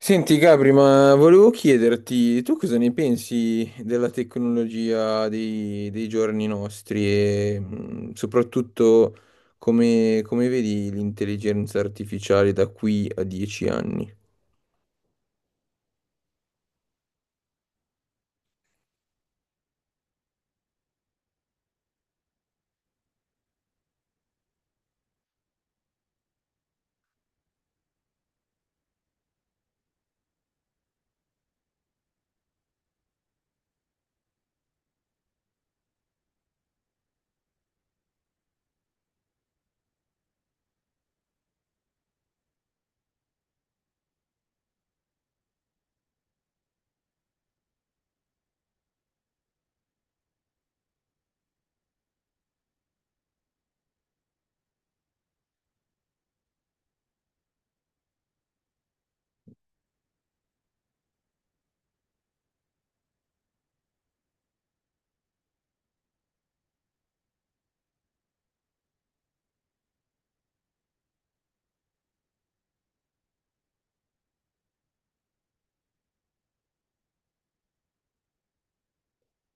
Senti Gabri, ma volevo chiederti, tu cosa ne pensi della tecnologia dei giorni nostri e soprattutto come vedi l'intelligenza artificiale da qui a 10 anni?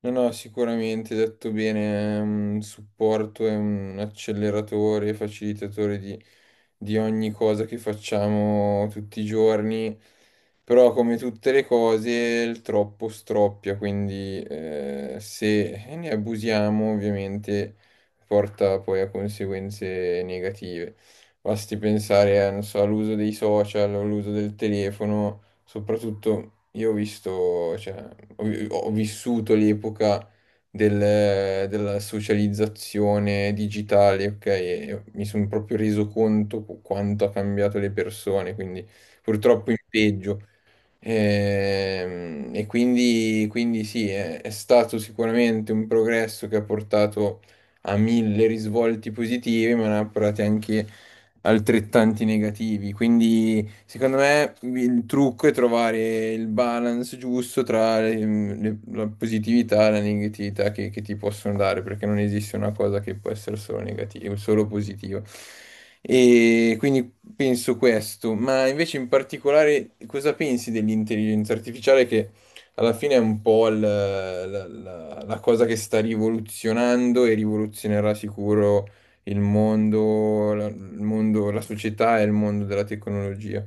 No, no, sicuramente, detto bene, è un supporto, è un acceleratore, facilitatore di ogni cosa che facciamo tutti i giorni, però come tutte le cose il troppo stroppia, quindi se ne abusiamo ovviamente porta poi a conseguenze negative. Basti pensare a, non so, all'uso dei social, all'uso del telefono. Soprattutto io ho visto, cioè, ho, ho vissuto l'epoca della socializzazione digitale, ok? E mi sono proprio reso conto quanto ha cambiato le persone, quindi purtroppo in peggio. Ehm, quindi sì, è stato sicuramente un progresso che ha portato a mille risvolti positivi, ma ne ha portati anche altrettanti negativi. Quindi, secondo me, il trucco è trovare il balance giusto tra la positività e la negatività che ti possono dare, perché non esiste una cosa che può essere solo negativa, solo positiva. E quindi penso questo. Ma invece in particolare cosa pensi dell'intelligenza artificiale che alla fine è un po' la, la cosa che sta rivoluzionando e rivoluzionerà sicuro il mondo, la società e il mondo della tecnologia?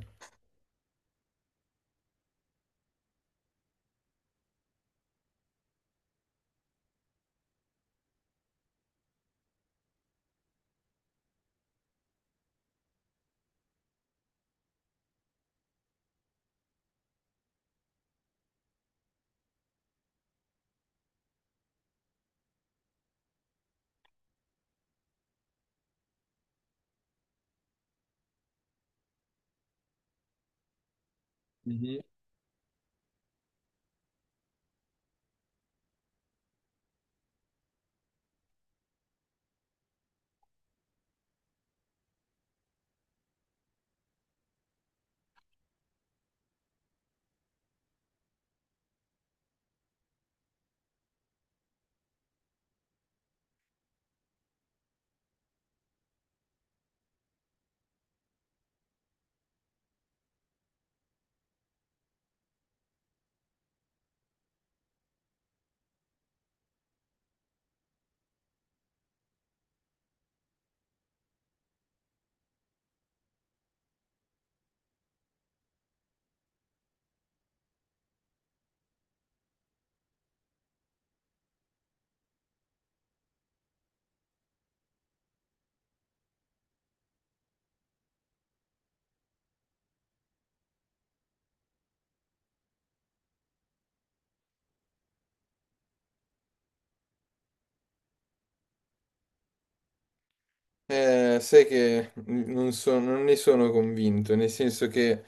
Sai che non ne sono convinto, nel senso che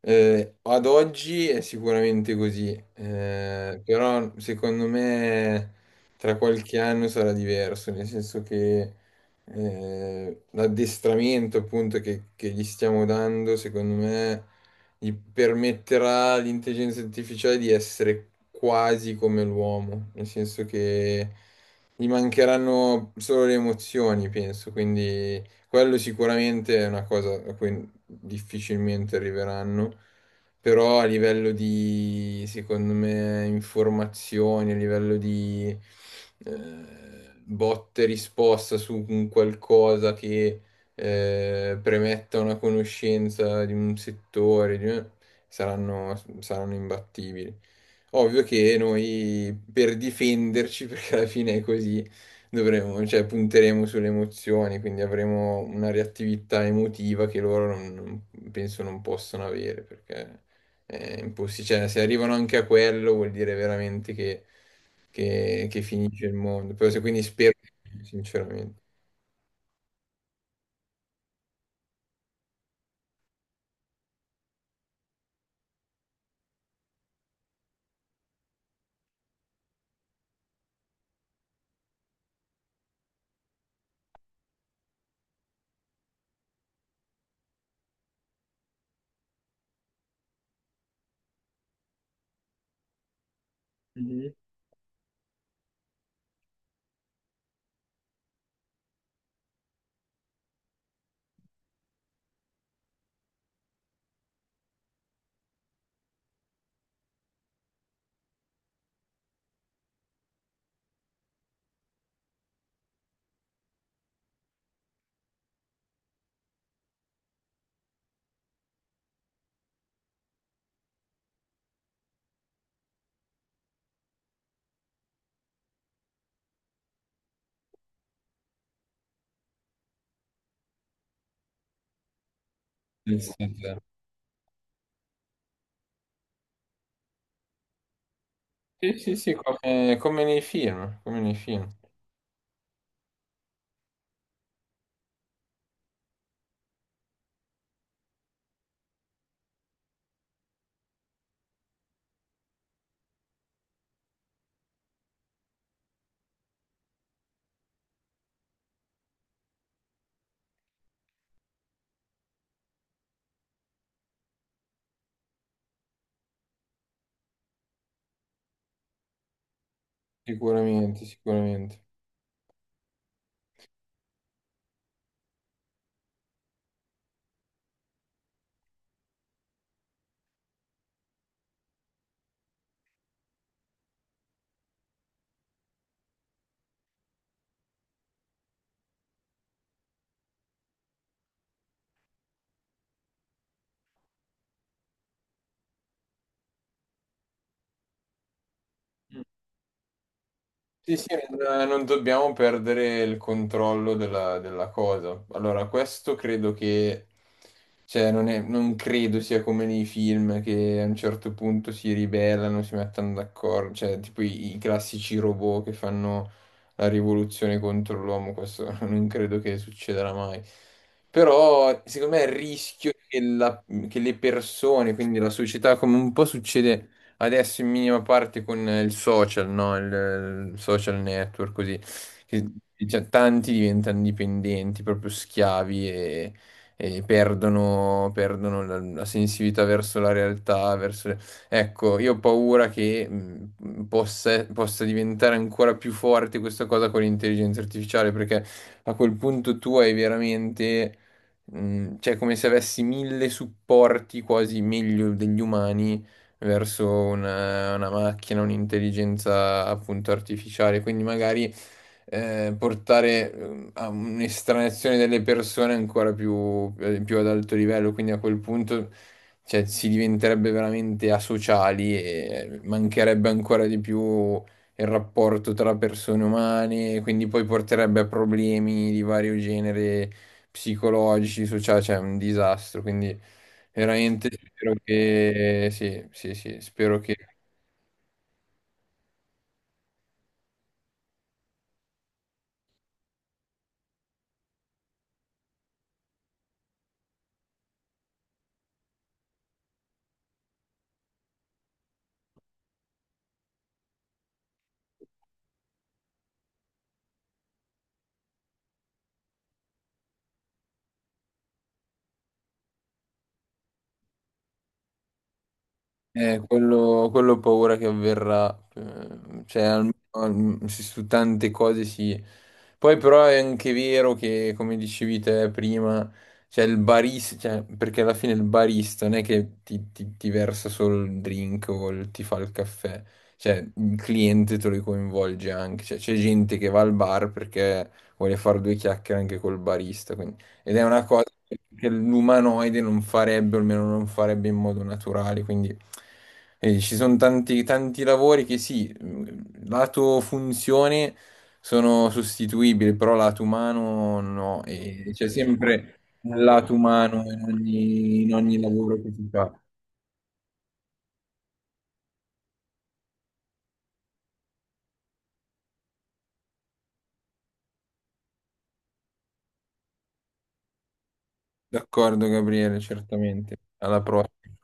ad oggi è sicuramente così, però secondo me tra qualche anno sarà diverso, nel senso che l'addestramento appunto che gli stiamo dando, secondo me, gli permetterà all'intelligenza artificiale di essere quasi come l'uomo, nel senso che... Gli mancheranno solo le emozioni, penso, quindi quello sicuramente è una cosa a cui difficilmente arriveranno, però a livello di, secondo me, informazioni, a livello di botte risposta su un qualcosa che premetta una conoscenza di un settore, di- saranno imbattibili. Ovvio che noi per difenderci, perché alla fine è così, dovremo, cioè, punteremo sulle emozioni, quindi avremo una reattività emotiva che loro penso non possono avere, perché è impossibile. Cioè, se arrivano anche a quello vuol dire veramente che finisce il mondo. Però se- quindi spero, sinceramente. Sì, sì, sì. Sì, sì, sì, come, come nei film, sicuramente, sicuramente. Sì, sì, non dobbiamo perdere il controllo della cosa. Allora, questo credo che, cioè, non credo sia come nei film che a un certo punto si ribellano, si mettono d'accordo, cioè, tipo i classici robot che fanno la rivoluzione contro l'uomo, questo non credo che succederà mai. Però, secondo me, il rischio che, la- che le persone, quindi la società, come un po' succede adesso in minima parte con il social, no? Il social network, così. Che, cioè, tanti diventano dipendenti, proprio schiavi e, perdono la sensibilità verso la realtà, verso le- Ecco, io ho paura che possa diventare ancora più forte questa cosa con l'intelligenza artificiale, perché a quel punto tu hai veramente... Cioè, come se avessi mille supporti quasi meglio degli umani verso una macchina, un'intelligenza appunto artificiale, quindi magari portare a un'estraneazione delle persone ancora più, più ad alto livello, quindi a quel punto cioè, si diventerebbe veramente asociali e mancherebbe ancora di più il rapporto tra persone umane, quindi poi porterebbe a problemi di vario genere psicologici, sociali, cioè è un disastro. Quindi veramente spero che sì, sì, sì, spero che quello ho paura che avverrà, cioè almeno se su tante cose sì. Poi però è anche vero che, come dicevi te prima, cioè il barista, cioè, perché alla fine il barista non è che ti, ti versa solo il drink o ti fa il caffè, cioè il cliente te lo coinvolge anche, cioè c'è gente che va al bar perché vuole fare due chiacchiere anche col barista, quindi ed è una cosa che l'umanoide non farebbe, o almeno non farebbe in modo naturale. Quindi ci sono tanti, tanti lavori che sì, lato funzione sono sostituibili, però lato umano no. E c'è sempre un lato umano in ogni lavoro che si fa. D'accordo, Gabriele, certamente. Alla prossima.